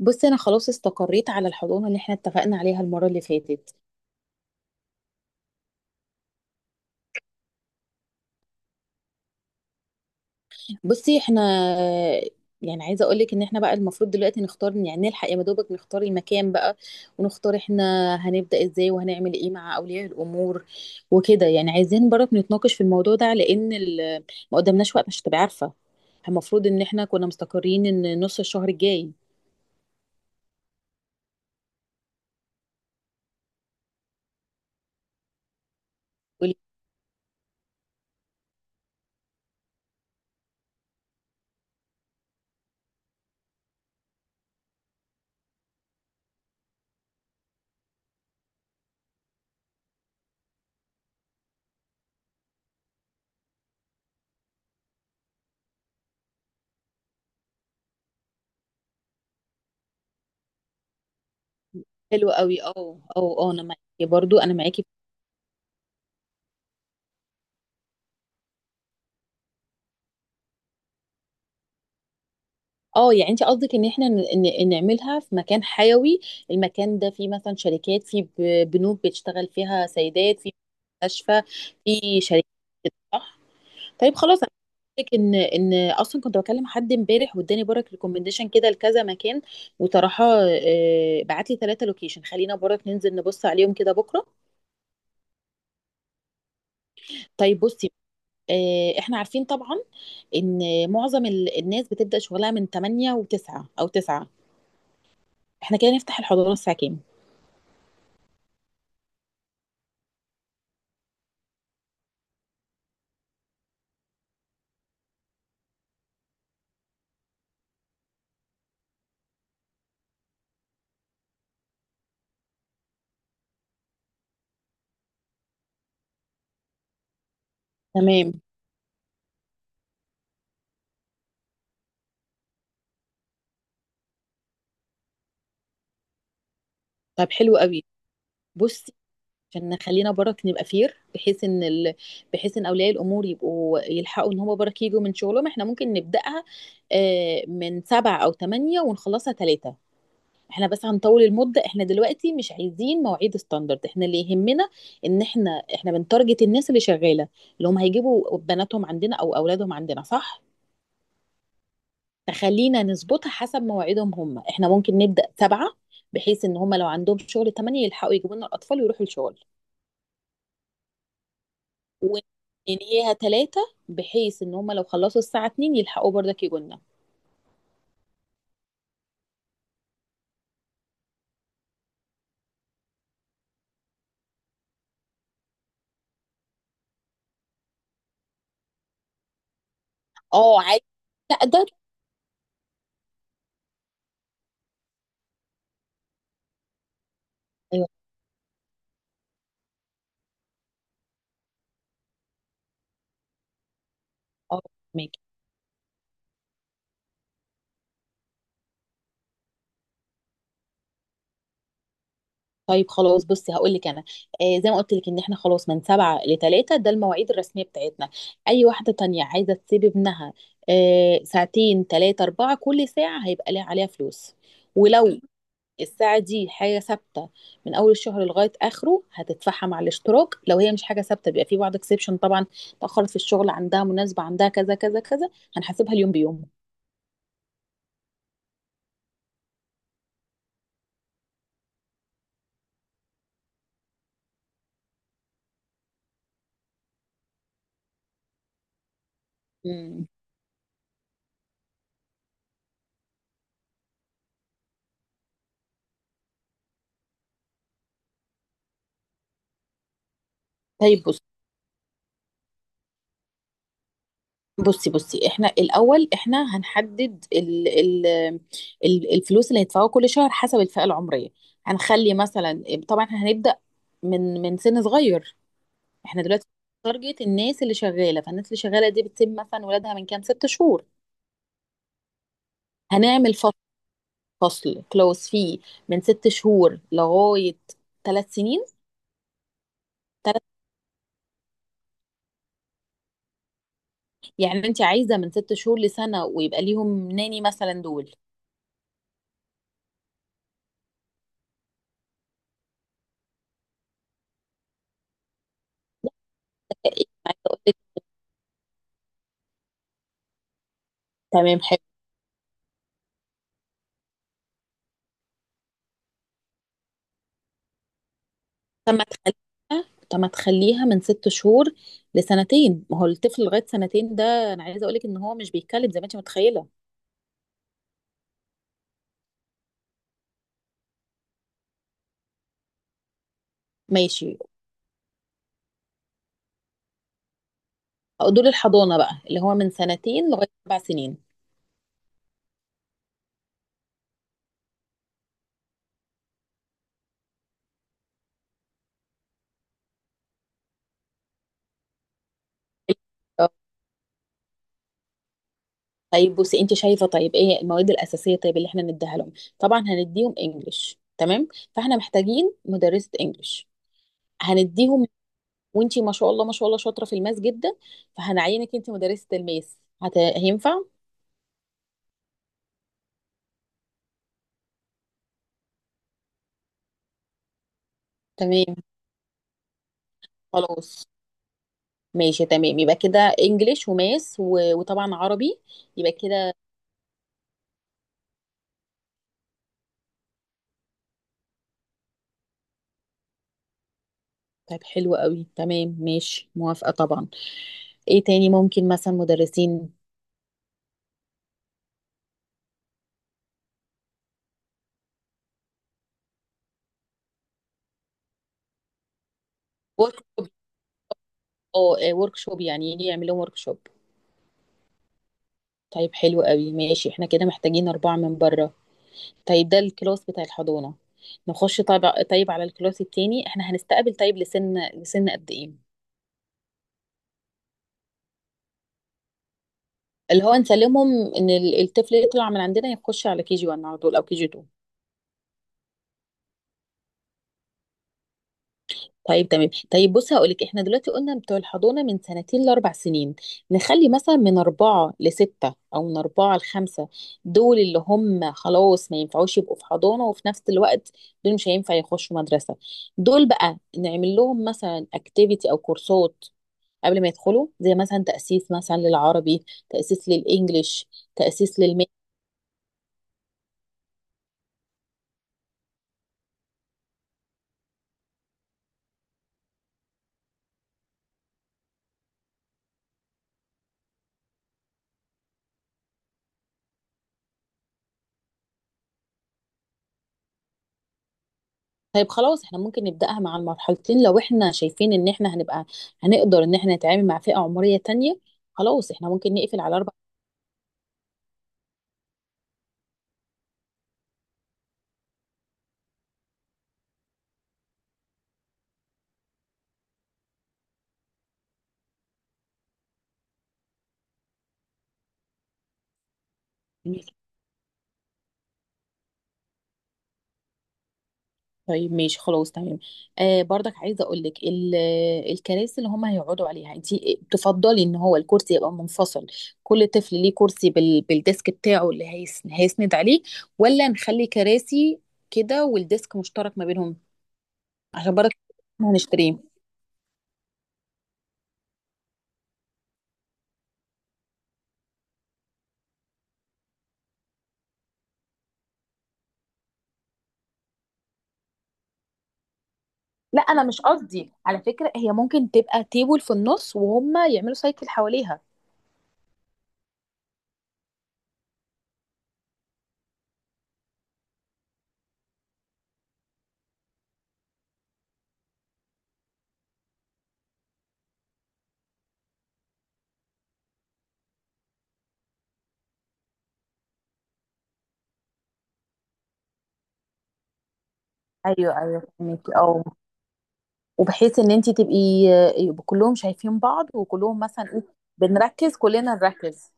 بصي، انا خلاص استقريت على الحضانه اللي احنا اتفقنا عليها المره اللي فاتت. بصي، يعني عايزه اقول لك ان احنا بقى المفروض دلوقتي نختار، يعني نلحق يا مدوبك نختار المكان بقى، ونختار احنا هنبدا ازاي وهنعمل ايه مع اولياء الامور وكده. يعني عايزين برضه نتناقش في الموضوع ده، لان ما قدامناش وقت، مش هتبقى عارفه. المفروض ان احنا كنا مستقرين ان نص الشهر الجاي. قولي. حلو قوي، اه. اه اه انا معاكي برضو، انا معاكي. اه، يعني انت قصدك ان احنا نعملها في مكان حيوي، المكان ده فيه مثلا شركات، فيه بنوك بتشتغل فيها سيدات، فيه مستشفى، فيه شركات، صح. طيب خلاص، انا قلت لك ان اصلا كنت بكلم حد امبارح، واداني برك ريكومنديشن كده لكذا مكان، وطرحه، بعت لي 3 لوكيشن. خلينا برك ننزل نبص عليهم كده بكره. طيب بصي، احنا عارفين طبعا ان معظم الناس بتبدأ شغلها من 8 و9 او 9. احنا كده نفتح الحضانه الساعه كام؟ تمام. طب حلو قوي. بصي، عشان نخلينا برك نبقى فير، بحيث ان بحيث ان اولياء الامور يبقوا يلحقوا ان هم برك يجوا من شغلهم، احنا ممكن نبداها من 7 او 8 ونخلصها 3. احنا بس هنطول المدة، احنا دلوقتي مش عايزين مواعيد ستاندرد، احنا اللي يهمنا ان احنا بنتارجت الناس اللي شغالة، اللي هم هيجيبوا بناتهم عندنا او اولادهم عندنا، صح. فخلينا نظبطها حسب مواعيدهم هم، احنا ممكن نبدا 7 بحيث ان هم لو عندهم شغل 8 يلحقوا يجيبوا لنا الاطفال ويروحوا الشغل، وننهيها 3 بحيث ان هما لو خلصوا الساعة 2 يلحقوا برضك يجونا. اه، عادي. لا ده، ايوه اه، ماشي. طيب خلاص بصي، هقول لك انا، زي ما قلت لك ان احنا خلاص من 7 لـ 3، ده المواعيد الرسمية بتاعتنا. اي واحدة تانية عايزة تسيب ابنها ساعتين، ثلاثة، أربعة، كل ساعة هيبقى ليها عليها فلوس. ولو الساعة دي حاجة ثابتة من أول الشهر لغاية آخره هتدفعها مع الاشتراك. لو هي مش حاجة ثابتة بيبقى في بعض اكسبشن طبعا، تأخرت في الشغل، عندها مناسبة، عندها كذا كذا كذا، هنحاسبها اليوم بيومه. مم. طيب بص، بصي احنا الأول، احنا هنحدد ال ال ال الفلوس اللي هيدفعوها كل شهر حسب الفئة العمرية. هنخلي مثلا، طبعا احنا هنبدأ من سن صغير. احنا دلوقتي تارجت الناس اللي شغالة، فالناس اللي شغالة دي بتسيب مثلا ولادها من كام؟ 6 شهور. هنعمل فصل كلوز فيه من 6 شهور لغاية 3 سنين. تلت. يعني انت عايزة من 6 شهور لسنة، ويبقى ليهم ناني مثلا دول؟ إيه؟ عايزة أقولك. تمام، حلو. طب ما تخليها من 6 شهور لسنتين. ما هو الطفل لغاية سنتين ده انا عايزة اقولك ان هو مش بيتكلم زي ما انت متخيلة. ماشي. دول الحضانة بقى اللي هو من سنتين لغاية 7 سنين. طيب بصي، انت شايفه؟ طيب ايه المواد الاساسيه طيب اللي احنا نديها لهم؟ طبعا هنديهم انجليش، تمام، فاحنا محتاجين مدرسه انجليش. هنديهم. وانت، ما شاء الله ما شاء الله، شاطره في الماس جدا، فهنعينك انت مدرسه الماس. هينفع؟ تمام، خلاص، ماشي تمام، يبقى كده انجليش وماس وطبعا عربي. يبقى كده. طيب حلو قوي، تمام، ماشي، موافقه طبعا. ايه تاني؟ ممكن مثلا مدرسين ورك اه ورك شوب، يعني يجي يعمل لهم ورك شوب. طيب حلو قوي، ماشي، احنا كده محتاجين أربعة من بره. طيب، ده الكلاس بتاع الحضانة. نخش طيب، على الكلاس التاني، احنا هنستقبل طيب لسن قد ايه؟ اللي هو نسلمهم ان الطفل يطلع من عندنا يخش على كي جي 1 على طول، او كي جي 2. طيب تمام. طيب بص هقولك، احنا دلوقتي قلنا بتوع الحضانة من سنتين لأربع سنين، نخلي مثلا من 4 لـ 6 أو من 4 لـ 5. دول اللي هم خلاص ما ينفعوش يبقوا في حضانة، وفي نفس الوقت دول مش هينفع يخشوا مدرسة. دول بقى نعمل لهم مثلا اكتيفيتي أو كورسات قبل ما يدخلوا، زي مثلا تأسيس مثلا للعربي، تأسيس للإنجليش، تأسيس. طيب خلاص احنا ممكن نبدأها مع المرحلتين، لو احنا شايفين ان احنا هنبقى هنقدر ان احنا نتعامل مع فئة عمرية تانية خلاص احنا ممكن نقفل على 4 سنين. طيب ماشي، خلاص تمام. برضك عايزة اقول لك، الكراسي اللي هم هيقعدوا عليها، انت تفضلي ان هو الكرسي يبقى منفصل، كل طفل ليه كرسي بالديسك بتاعه اللي هيسند عليه، ولا نخلي كراسي كده والديسك مشترك ما بينهم؟ عشان برضك هنشتريه. لا انا مش قصدي، على فكره هي ممكن تبقى تيبل في النص وهم يعملوا سايكل حواليها. ايوه ايوه فهميكي، اه. وبحيث ان انت تبقي يبقوا كلهم شايفين بعض، وكلهم مثلا ايه، بنركز، كلنا نركز.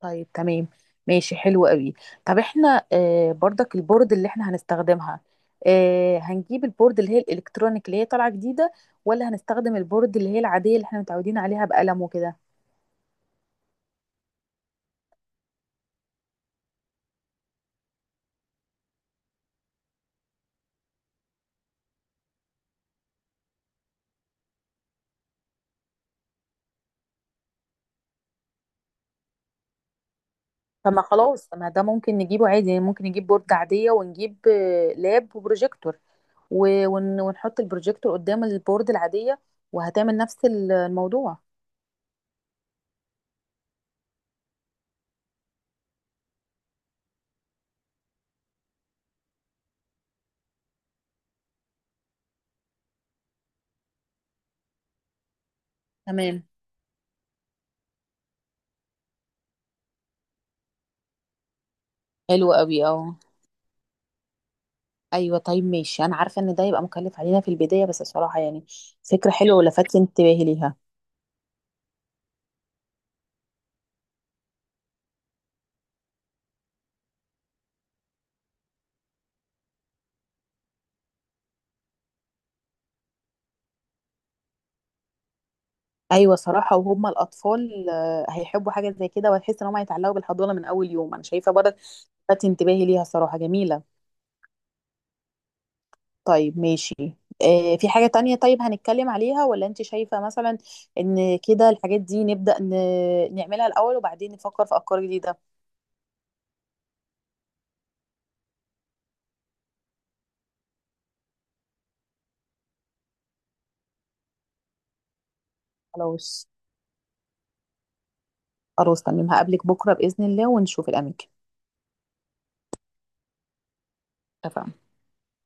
طيب تمام، ماشي، حلو قوي. طب احنا برضك البورد اللي احنا هنستخدمها، هنجيب البورد اللي هي الالكترونيك اللي هي طالعه جديده، ولا هنستخدم البورد اللي هي العاديه اللي احنا متعودين عليها بقلم وكده؟ طب ما خلاص، طب ما ده ممكن نجيبه عادي يعني، ممكن نجيب بورد عادية ونجيب لاب وبروجيكتور، ونحط البروجيكتور قدام البورد العادية، وهتعمل نفس الموضوع. تمام، حلو قوي، اه. ايوه طيب ماشي، انا عارفه ان ده يبقى مكلف علينا في البدايه، بس صراحه يعني فكره حلوه ولفت انتباهي ليها. ايوه صراحه، وهم الاطفال هيحبوا حاجه زي كده، وهتحس ان هم هيتعلقوا بالحضانه من اول يوم، انا شايفه برضه لفت انتباهي ليها، صراحه جميله. طيب ماشي. في حاجة تانية طيب هنتكلم عليها، ولا انت شايفة مثلا ان كده الحاجات دي نبدأ نعملها الأول وبعدين نفكر في أفكار جديدة؟ خلاص. خلاص تمام، هقابلك بكرة بإذن الله ونشوف الأماكن. اتفقنا.